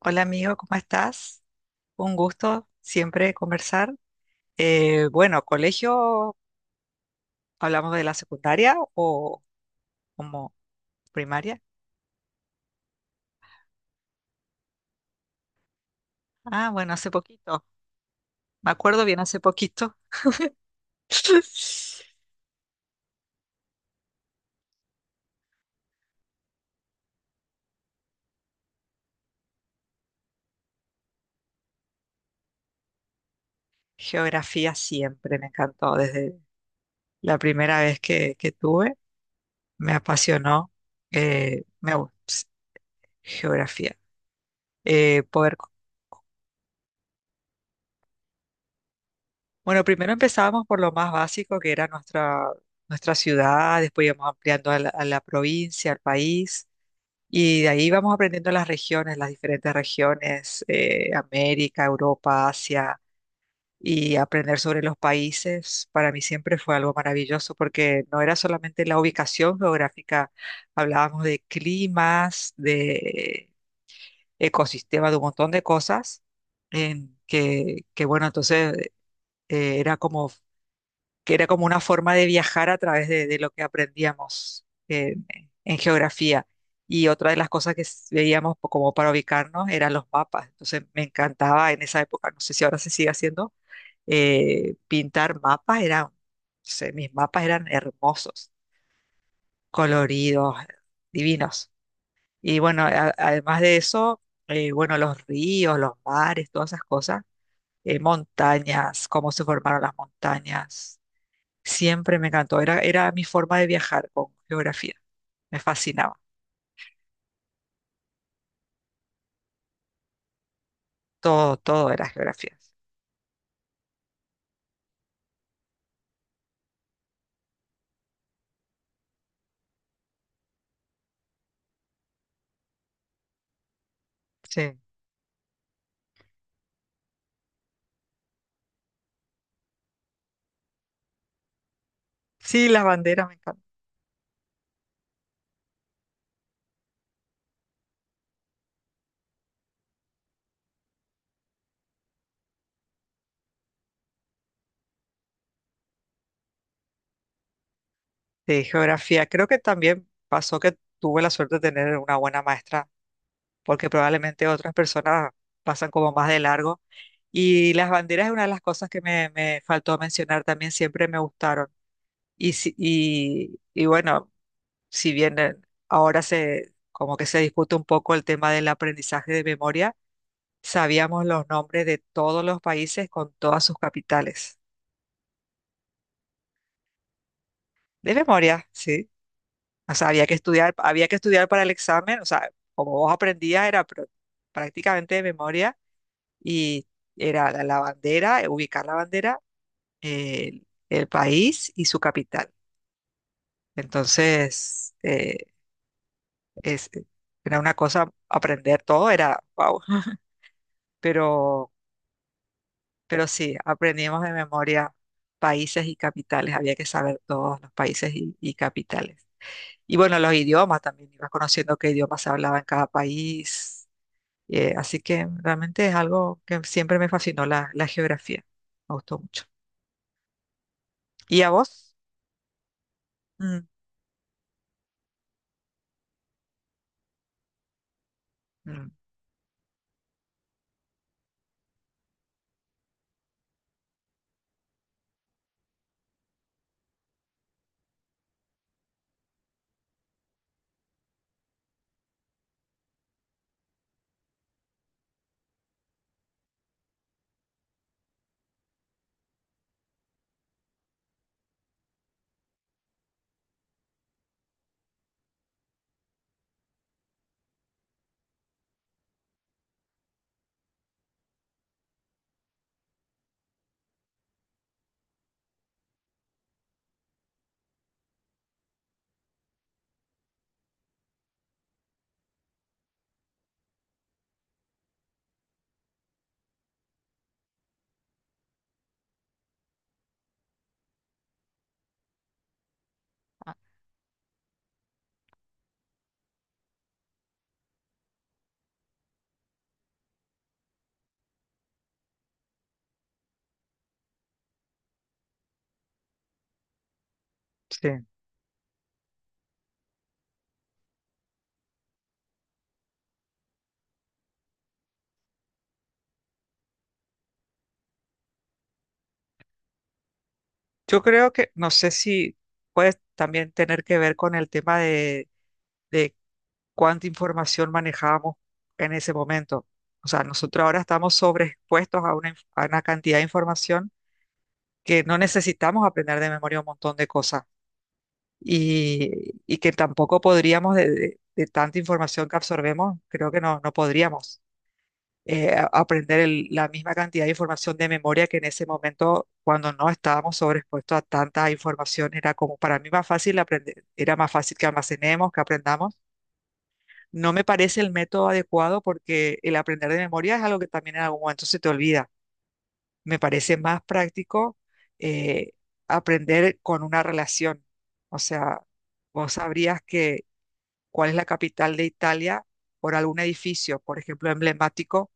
Hola amigo, ¿cómo estás? Un gusto siempre conversar. Bueno, colegio, ¿hablamos de la secundaria o como primaria? Ah, bueno, hace poquito. Me acuerdo bien hace poquito. Geografía siempre me encantó desde la primera vez que tuve. Me apasionó. eh, me, gus- Geografía. Poder Bueno, primero empezábamos por lo más básico, que era nuestra ciudad, después íbamos ampliando a a la provincia, al país, y de ahí íbamos aprendiendo las regiones, las diferentes regiones, América, Europa, Asia, y aprender sobre los países. Para mí siempre fue algo maravilloso, porque no era solamente la ubicación geográfica, hablábamos de climas, de ecosistemas, de un montón de cosas en que bueno, entonces era como que era como una forma de viajar a través de lo que aprendíamos en geografía. Y otra de las cosas que veíamos como para ubicarnos eran los mapas. Entonces me encantaba en esa época, no sé si ahora se sigue haciendo, pintar mapas. Eran, no sé, mis mapas eran hermosos, coloridos, divinos. Y bueno, además de eso, bueno, los ríos, los mares, todas esas cosas, montañas, cómo se formaron las montañas. Siempre me encantó. Era mi forma de viajar con geografía. Me fascinaba. Todo, todo era geografía. Sí. Sí, las banderas me encantan. Sí, geografía. Creo que también pasó que tuve la suerte de tener una buena maestra, porque probablemente otras personas pasan como más de largo. Y las banderas es una de las cosas que me faltó mencionar también, siempre me gustaron. Y bueno, si bien ahora como que se discute un poco el tema del aprendizaje de memoria. Sabíamos los nombres de todos los países con todas sus capitales. De memoria, sí. O sea, había que estudiar para el examen. O sea, como vos aprendías, era prácticamente de memoria. Y era la bandera, ubicar la bandera, el país y su capital. Entonces, es, era una cosa aprender todo, era wow. Pero Pero sí, aprendimos de memoria países y capitales, había que saber todos los países y capitales. Y bueno, los idiomas también, ibas conociendo qué idioma se hablaba en cada país. Así que realmente es algo que siempre me fascinó la geografía, me gustó mucho. ¿Y a vos? Mm, mm, ah, sí. Yo creo que, no sé si puede también tener que ver con el tema de, cuánta información manejábamos en ese momento. O sea, nosotros ahora estamos sobreexpuestos a a una cantidad de información que no necesitamos aprender de memoria un montón de cosas y, y que tampoco podríamos, de tanta información que absorbemos, creo que no, no podríamos aprender la misma cantidad de información de memoria que en ese momento, cuando no estábamos sobreexpuestos a tanta información, era como para mí más fácil aprender, era más fácil que almacenemos, que aprendamos. No me parece el método adecuado porque el aprender de memoria es algo que también en algún momento se te olvida. Me parece más práctico eh, aprender con una relación. O sea, vos sabrías que cuál es la capital de Italia por algún edificio, por ejemplo, emblemático.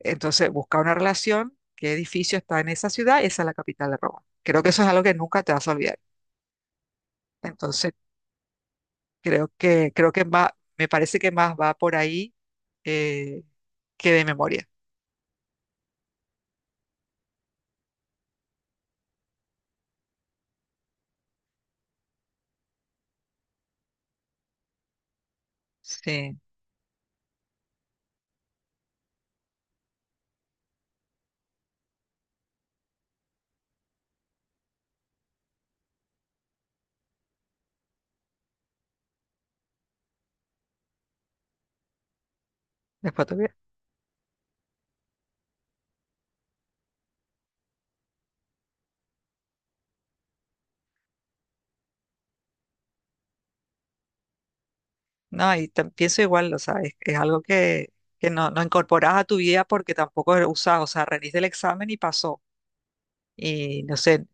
Entonces, busca una relación, qué edificio está en esa ciudad, esa es la capital de Roma. Creo que eso es algo que nunca te vas a olvidar. Entonces, creo que va, me parece que más va por ahí, eh, que de memoria. Sí, después te voy a- No, y tam- pienso igual, o sea, es algo que no, no incorporas a tu vida porque tampoco lo usás, o sea, rendiste el examen y pasó. Y no sé,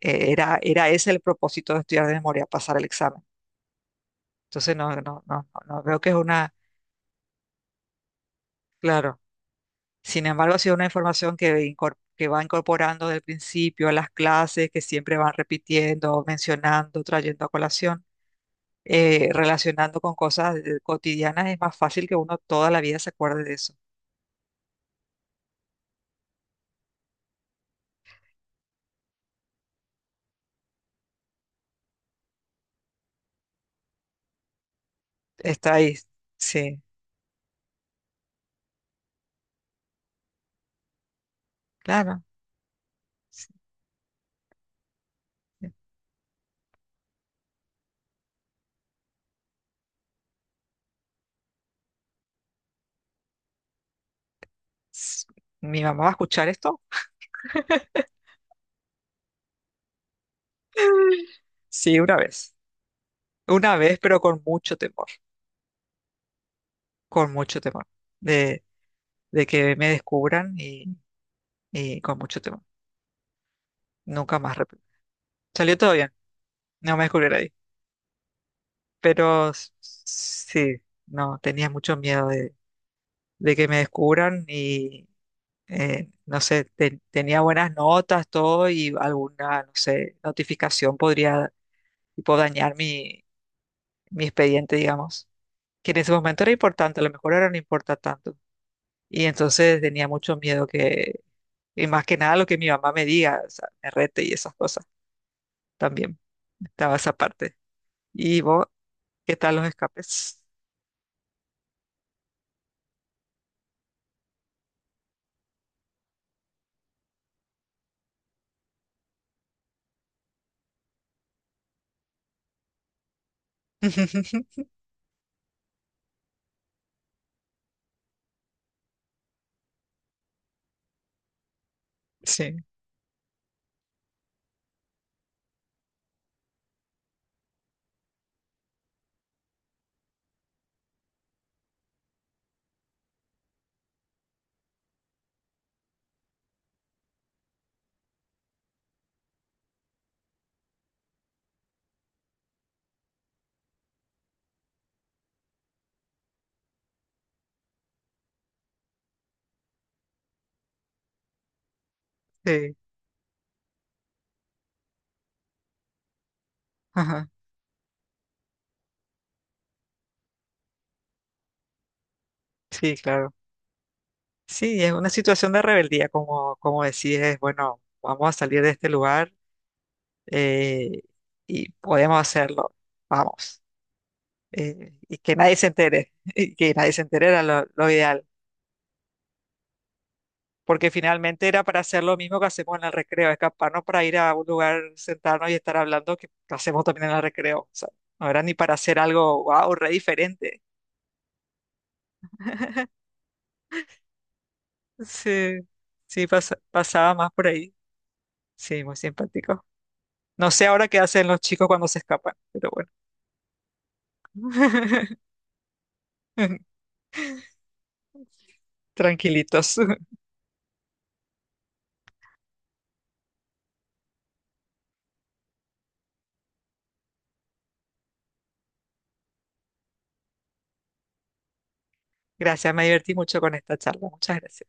era ese el propósito de estudiar de memoria, pasar el examen. Entonces, no veo que es una, claro. Sin embargo, ha sido una información que va incorporando del principio a las clases, que siempre van repitiendo, mencionando, trayendo a colación, relacionando con cosas cotidianas, es más fácil que uno toda la vida se acuerde de eso. Está ahí. Sí, claro. Sí, sí. ¿Mi mamá va a escuchar esto? Sí, una vez. Una vez, pero con mucho temor. Con mucho temor. De, de que me descubran y con mucho temor. Nunca más. Rep- Salió todo bien. No me descubrieron ahí. Pero s- sí, no, tenía mucho miedo de que me descubran y no sé, te- tenía buenas notas, todo y alguna, no sé, notificación podría tipo dañar mi expediente, digamos, que en ese momento era importante, a lo mejor ahora no importa tanto. Y entonces tenía mucho miedo que, y más que nada lo que mi mamá me diga, o sea, me rete y esas cosas también. Estaba esa parte. ¿Y vos, qué tal los escapes? Sí, sí, ajá, sí, claro. Sí, es una situación de rebeldía, como, como decides, bueno, vamos a salir de este lugar, eh, y podemos hacerlo, vamos. Y que nadie se entere, y que nadie se entere era lo ideal, porque finalmente era para hacer lo mismo que hacemos en el recreo, escaparnos para ir a un lugar, sentarnos y estar hablando, que hacemos también en el recreo, o sea, no era ni para hacer algo, wow, re diferente. Sí, sí, pasaba más por ahí, sí, muy simpático. No sé ahora qué hacen los chicos cuando se escapan, pero bueno, tranquilitos. Gracias, me divertí mucho con esta charla, muchas gracias.